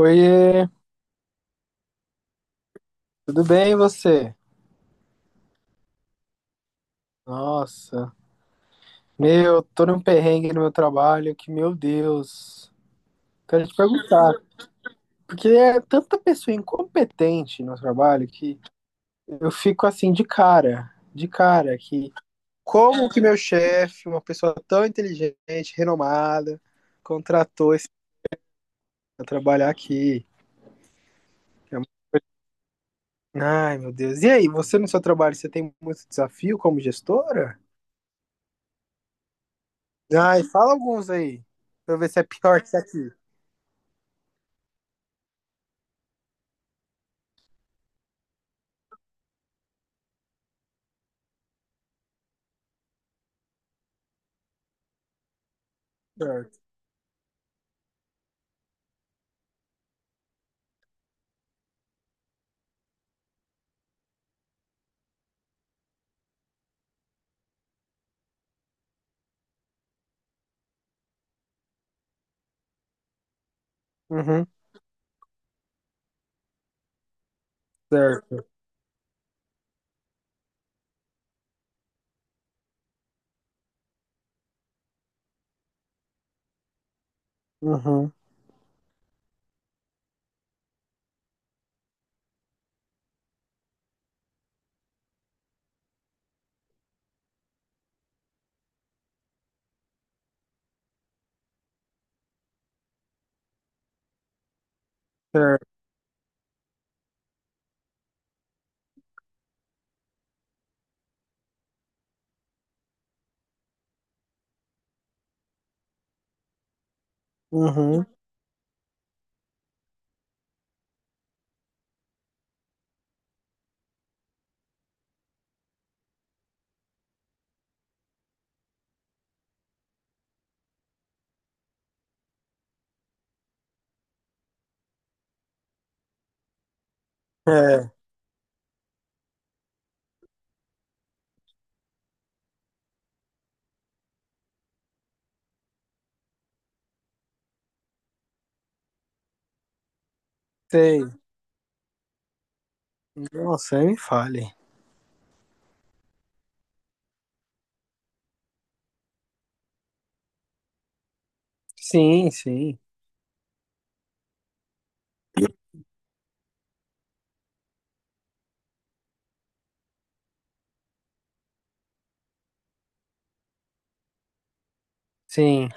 Oiê, tudo bem e você? Nossa, meu, tô num perrengue no meu trabalho que, meu Deus, quero te perguntar, porque é tanta pessoa incompetente no trabalho que eu fico assim de cara, que como que meu chefe, uma pessoa tão inteligente, renomada, contratou esse pra trabalhar aqui? Ai, meu Deus. E aí, você no seu trabalho, você tem muito desafio como gestora? Ai, fala alguns aí, pra eu ver se é pior que isso aqui. Certo. Uhum. Certo. Uhum. Certo. Uhum. É, sei. Nossa, aí me fale. Sim, sim. Sim.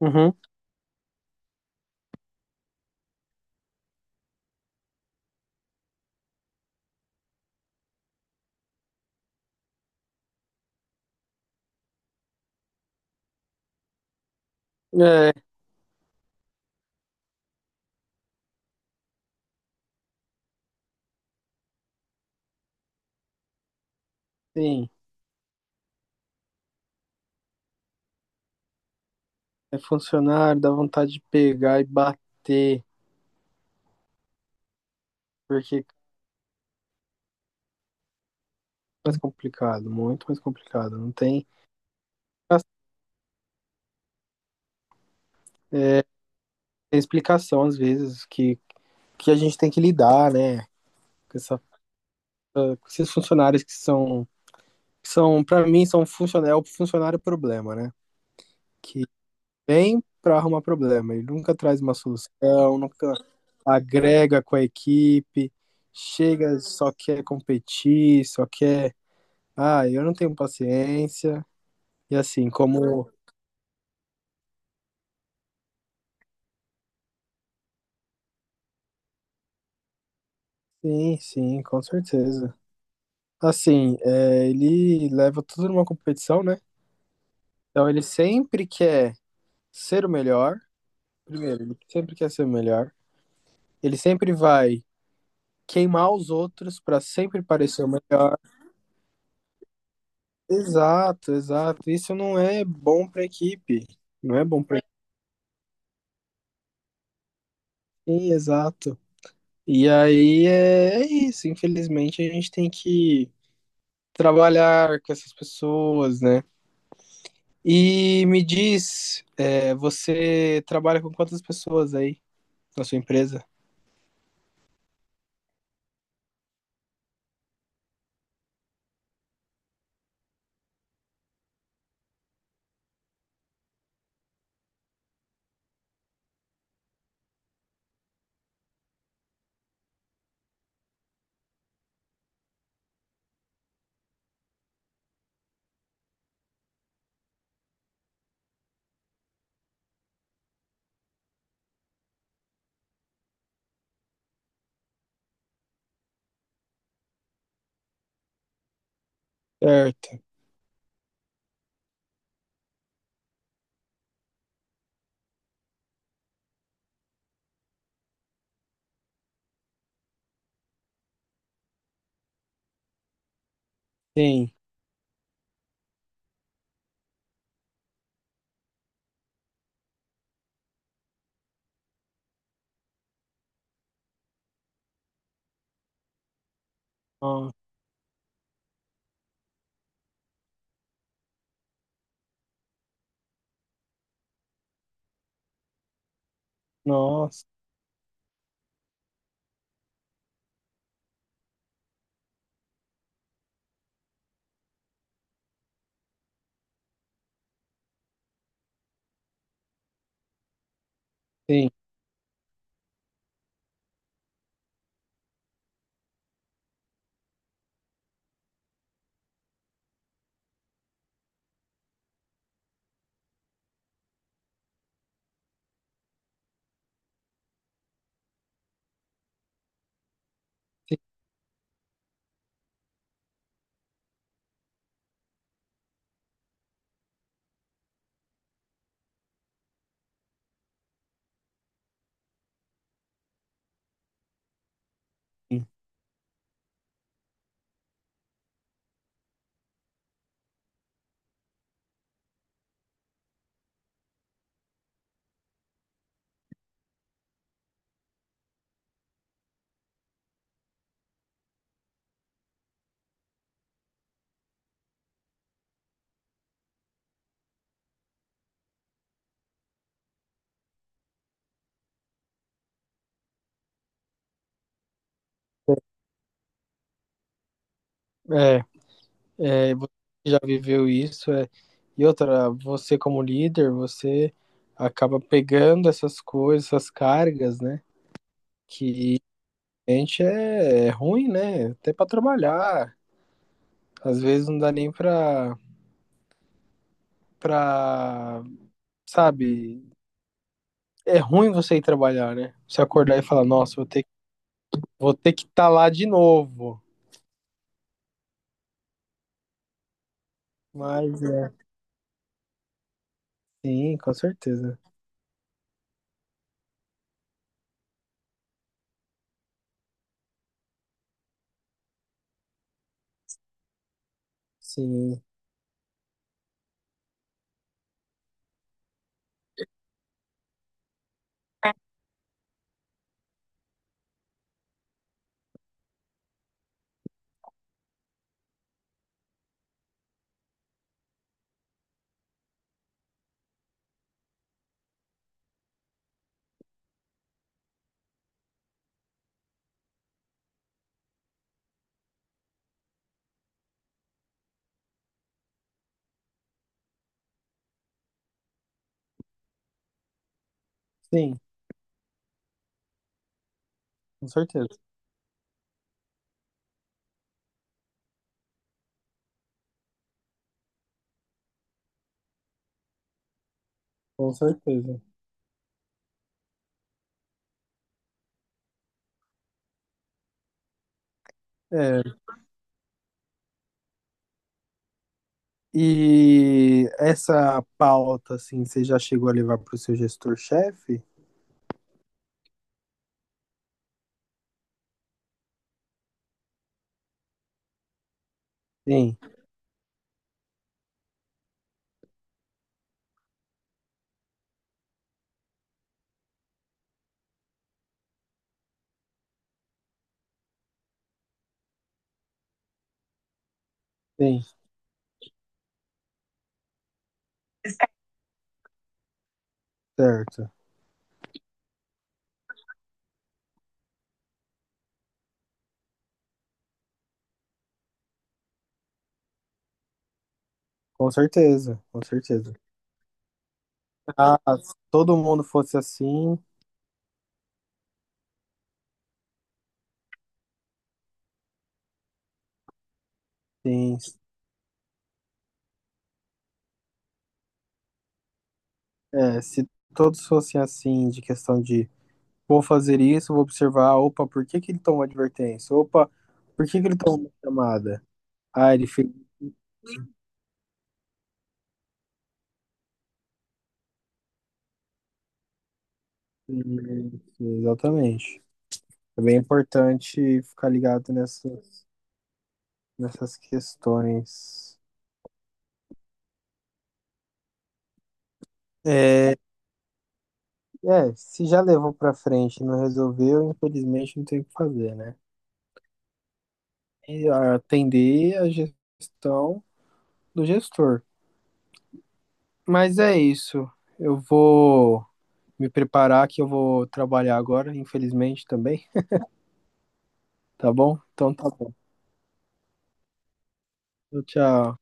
Uhum. É, sim. É funcionário, dá vontade de pegar e bater, porque é mais complicado, muito mais complicado. Não tem, tem explicação, às vezes, que a gente tem que lidar, né? Com, com esses funcionários que são, são para mim, são funcionário, é o funcionário problema, né? Vem para arrumar problema. Ele nunca traz uma solução, nunca agrega com a equipe, chega, só quer competir, só quer. Ah, eu não tenho paciência. E assim, como. Sim, sim, com certeza. Assim, é, ele leva tudo numa competição, né? Então ele sempre quer ser o melhor. Primeiro, ele sempre quer ser o melhor. Ele sempre vai queimar os outros para sempre parecer o melhor. Exato, exato. Isso não é bom para equipe. Não é bom para equipe, exato. E aí é, é isso. Infelizmente, a gente tem que trabalhar com essas pessoas, né? E me diz, é, você trabalha com quantas pessoas aí na sua empresa? Certo. Sim. Ó, nossa, sim. Sim. É, é, você já viveu isso, é. E outra, você como líder, você acaba pegando essas coisas, essas cargas, né? Que gente é, é ruim, né? Até para trabalhar. Às vezes não dá nem para para, sabe? É ruim você ir trabalhar, né? Você acordar e falar, nossa, vou ter que estar lá de novo. Mas é. Sim, com certeza. Sim, sim, com certeza. Com certeza. É. E essa pauta, assim, você já chegou a levar para o seu gestor-chefe? Sim, sim, certo. Com certeza, com certeza. Ah, se todo mundo fosse assim, sim. É, se todos fossem assim, de questão de vou fazer isso, vou observar, opa, por que que ele tomou advertência? Opa, por que que ele tomou uma chamada? Ah, ele fez. Isso, exatamente. É bem importante ficar ligado nessas, nessas questões. É, é, se já levou para frente e não resolveu, infelizmente não tem o que fazer, né? E atender a gestão do gestor. Mas é isso. Eu vou me preparar que eu vou trabalhar agora, infelizmente também. Tá bom? Então tá bom. Tchau.